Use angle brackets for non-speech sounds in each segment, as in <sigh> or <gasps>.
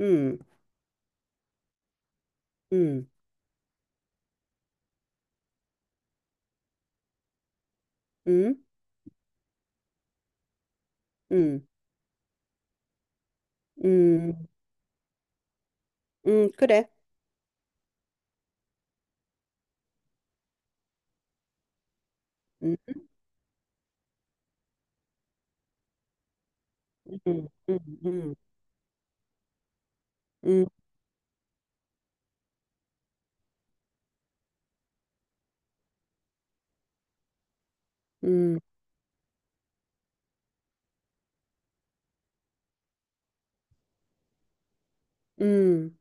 음, 음, 음, 음, 음, 그래. 음, 음, 음, 음, 음, 음, 음.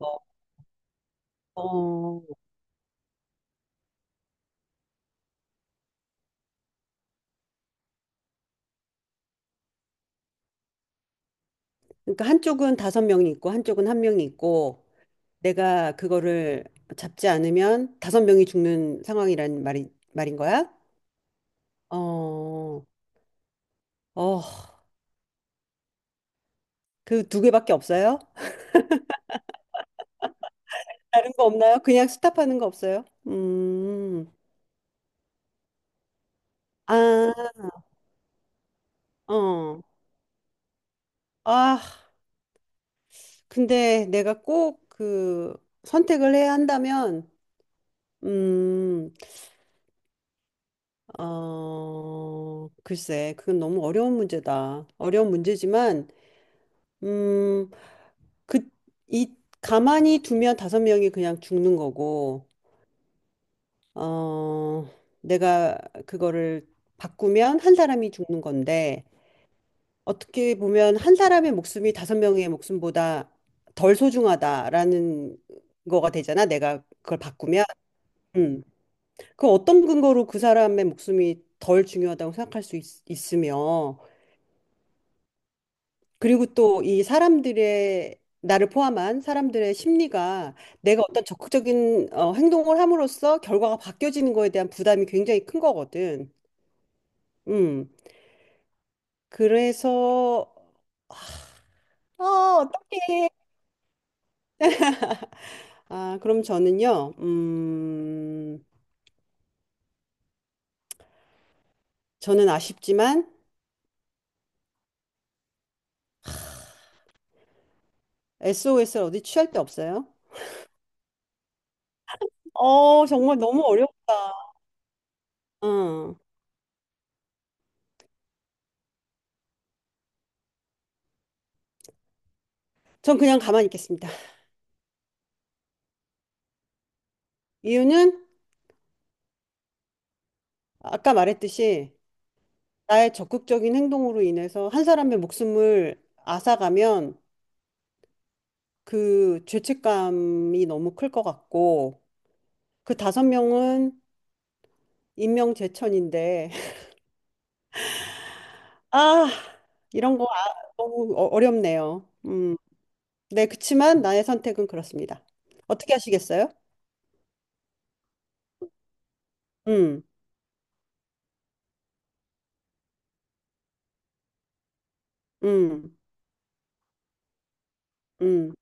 어, 어. 그러니까 한쪽은 다섯 명이 있고 한쪽은 한 명이 있고 내가 그거를 잡지 않으면 다섯 명이 죽는 상황이란 말이 말인 거야? 어, 어, 그 두 개밖에 없어요? 다른 거 없나요? 그냥 스탑하는 거 없어요? 아, 어, 아. 근데 내가 꼭 그 선택을 해야 한다면, 음, 어, 글쎄, 그건 너무 어려운 문제다. 어려운 문제지만, 음, 그, 이, 가만히 두면 다섯 명이 그냥 죽는 거고, 어, 내가 그거를 바꾸면 한 사람이 죽는 건데, 어떻게 보면 한 사람의 목숨이 다섯 명의 목숨보다 덜 소중하다라는 거가 되잖아. 내가 그걸 바꾸면. 음. 그 어떤 근거로 그 사람의 목숨이 덜 중요하다고 생각할 수 있으며, 그리고 또 이 사람들의, 나를 포함한 사람들의 심리가 내가 어떤 적극적인 행동을 함으로써 결과가 바뀌어지는 거에 대한 부담이 굉장히 큰 거거든. 음, 그래서, 어, 어떡해. 아, 그럼 저는요, 저는 아쉽지만 SOS를 어디 취할 데 없어요? 어, 정말 너무 어렵다. 어, 전 그냥 가만히 있겠습니다. 이유는 아까 말했듯이 나의 적극적인 행동으로 인해서 한 사람의 목숨을 앗아가면 그 죄책감이 너무 클 것 같고 그 다섯 명은 인명재천인데 <laughs> 아 이런 거 아, 너무 어렵네요. 네 그치만 나의 선택은 그렇습니다. 어떻게 하시겠어요? 음, 음, 음,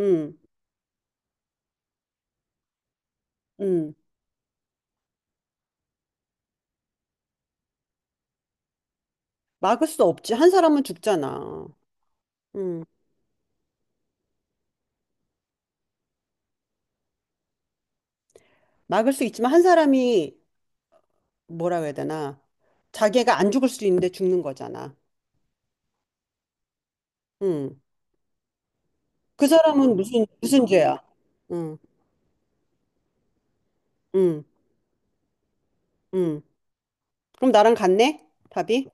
음, 음. 막을 수 없지. 한 사람은 죽잖아. 음, 막을 수 있지만 한 사람이 뭐라고 해야 되나? 자기가 안 죽을 수도 있는데 죽는 거잖아. 응. 그 사람은 무슨 무슨 죄야? 응, 응, 응. 그럼 나랑 같네? 답이?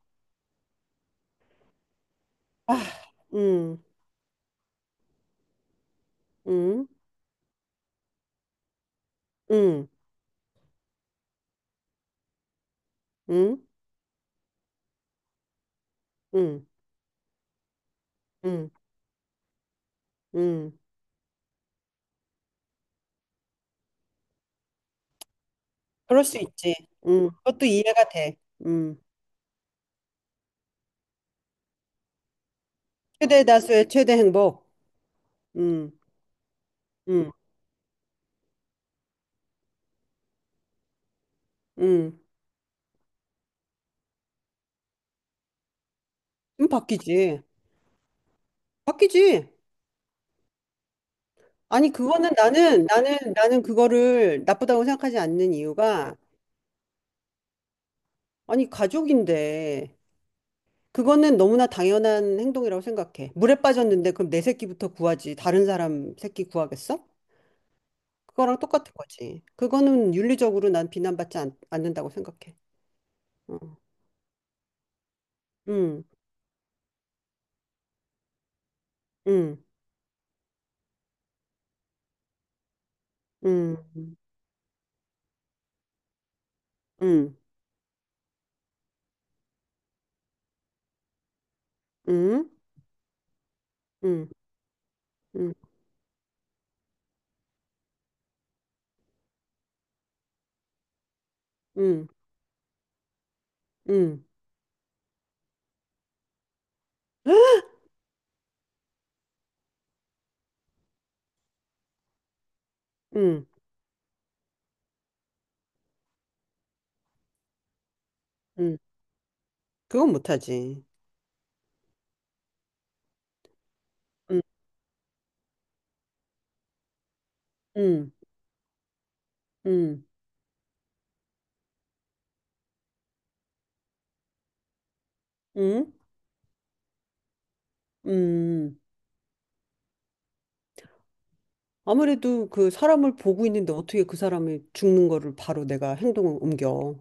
아, 응, 응, 응, 응, 응, 응, 응. 그럴 수 있지. 응. 그것도 이해가 돼. 응. 최대 다수의 최대 행복. 응, 응, 응. 그럼 바뀌지. 바뀌지. 아니, 그거는 나는 그거를 나쁘다고 생각하지 않는 이유가, 아니, 가족인데, 그거는 너무나 당연한 행동이라고 생각해. 물에 빠졌는데 그럼 내 새끼부터 구하지. 다른 사람 새끼 구하겠어? 그거랑 똑같은 거지. 그거는 윤리적으로 난 비난받지 않는다고 생각해. 어. 음, 음, 음, 음, 음, 음, 음, 음, 음. 응, <gasps> 응, 응. 그건 못하지. 응, 응, 응, 응, 응. 아무래도 그 사람을 보고 있는데 어떻게 그 사람이 죽는 거를 바로 내가 행동을 옮겨.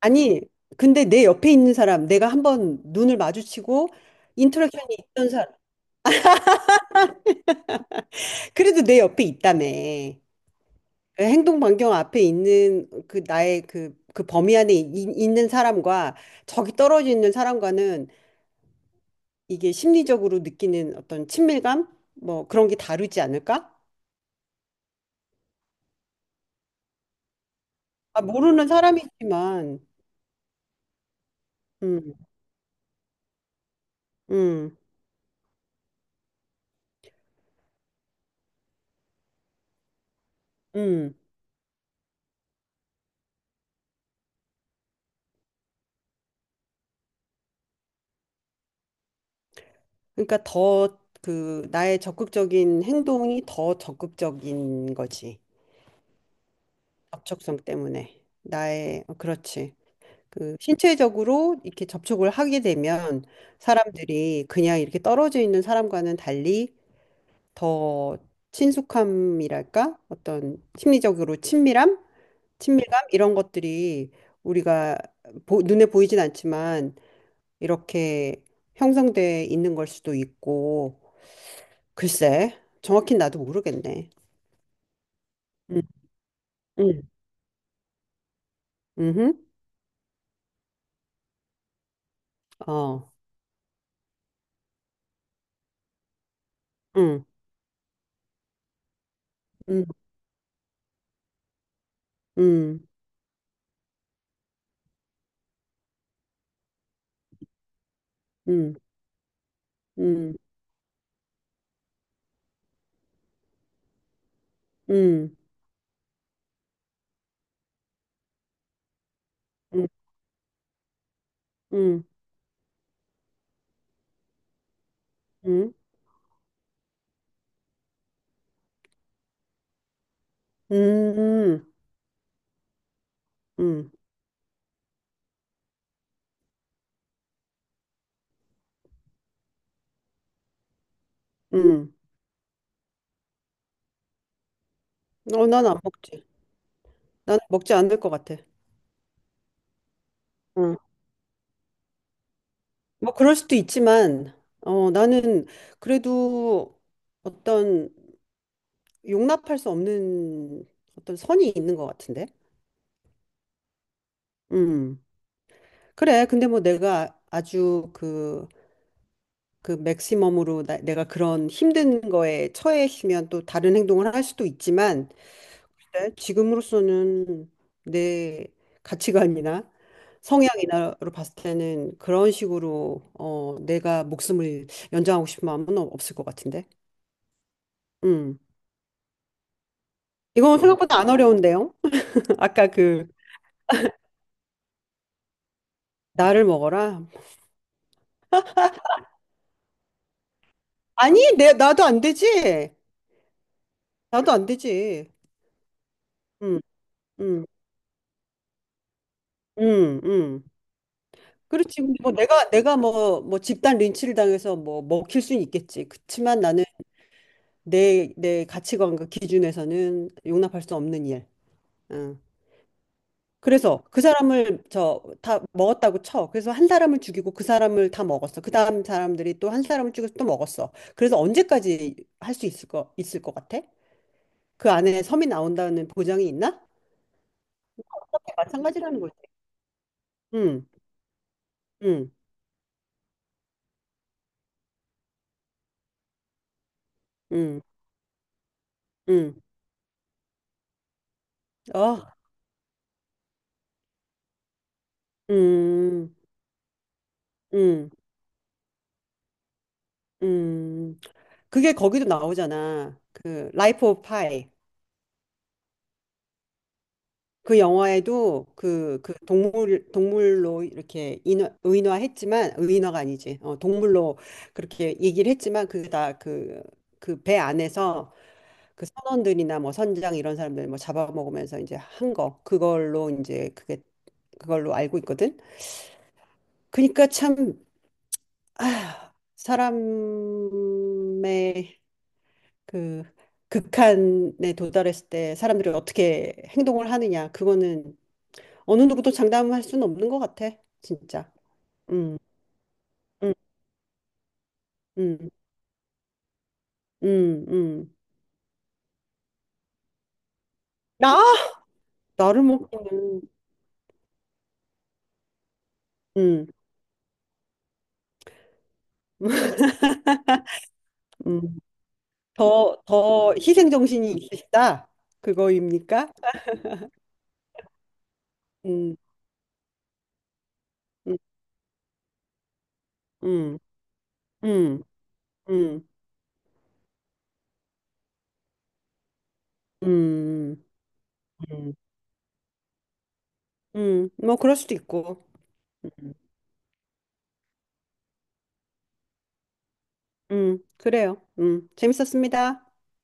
아니, 근데 내 옆에 있는 사람, 내가 한번 눈을 마주치고 인터랙션이 있던 사람, 그래도 내 옆에 있다며. 그 행동 반경 앞에 있는 그 나의 그, 그 범위 안에 있는 사람과 저기 떨어져 있는 사람과는 이게 심리적으로 느끼는 어떤 친밀감? 뭐 그런 게 다르지 않을까? 아, 모르는 사람이지만, 음, 음, 음. 그러니까 더 그 나의 적극적인 행동이 더 적극적인 거지. 접촉성 때문에 나의 어, 그렇지 그 신체적으로 이렇게 접촉을 하게 되면 사람들이 그냥 이렇게 떨어져 있는 사람과는 달리 더 친숙함이랄까 어떤 심리적으로 친밀함 친밀감 이런 것들이 우리가 눈에 보이진 않지만 이렇게 형성돼 있는 걸 수도 있고 글쎄 정확히 나도 모르겠네. 음, 음, 음, 음, 어, 음, 음, 음, 음. 음. 음, 음, 음, 음, 음, 음, 음. 어, 나는 안 먹지. 나는 먹지 않을 것 같아. 응. 뭐 그럴 수도 있지만, 어, 나는 그래도 어떤 용납할 수 없는 어떤 선이 있는 것 같은데. 음. 그래. 근데 뭐 내가 아주 그 그 맥시멈으로 내가 그런 힘든 거에 처해 있으면 또 다른 행동을 할 수도 있지만 네, 지금으로서는 내 가치관이나 성향이나로 봤을 때는 그런 식으로 어, 내가 목숨을 연장하고 싶은 마음은 없을 것 같은데. 음. 이건 생각보다 안 어려운데요. <laughs> 아까 그 나를 먹어라. 아니, 내 나도 안 되지. 나도 안 되지. 음, 음, 음, 음. 그렇지. 근데 뭐 내가 뭐 뭐 집단 린치를 당해서 뭐 먹힐 수는 있겠지. 그렇지만 나는 내 가치관과 기준에서는 용납할 수 없는 일. 응. 그래서 그 사람을 저 다 먹었다고 쳐. 그래서 한 사람을 죽이고 그 사람을 다 먹었어. 그 다음 사람들이 또 한 사람을 죽여서 또 먹었어. 그래서 언제까지 할 수 있을 것 같아? 그 안에 섬이 나온다는 보장이 있나? 어차피 마찬가지라는 거지. 응, 응, 응, 응. 어, 음, 음, 음. 그게 거기도 나오잖아. 그 라이프 오브 파이. 그 영화에도 그, 그 동물, 동물로 이렇게 의인화했지만, 의인화가 아니지. 어, 동물로 그렇게 얘기를 했지만, 그게 다 그, 그 배 안에서 그 선원들이나 뭐 선장 이런 사람들 뭐 잡아먹으면서 이제 한 거. 그걸로 이제 그게, 그걸로 알고 있거든. 그러니까 참, 아, 사람의 그 극한에 도달했을 때 사람들이 어떻게 행동을 하느냐 그거는 어느 누구도 장담할 수는 없는 것 같아 진짜 음, 음, 음, 음, 음. 나 나를 먹기는 음, <laughs> 음. 더, 더 희생 정신이 있으시다 그거입니까? 음, 음, 음, 음, 음, 음, 음, 뭐 그럴 수도 있고 음, 그래요 재밌었습니다.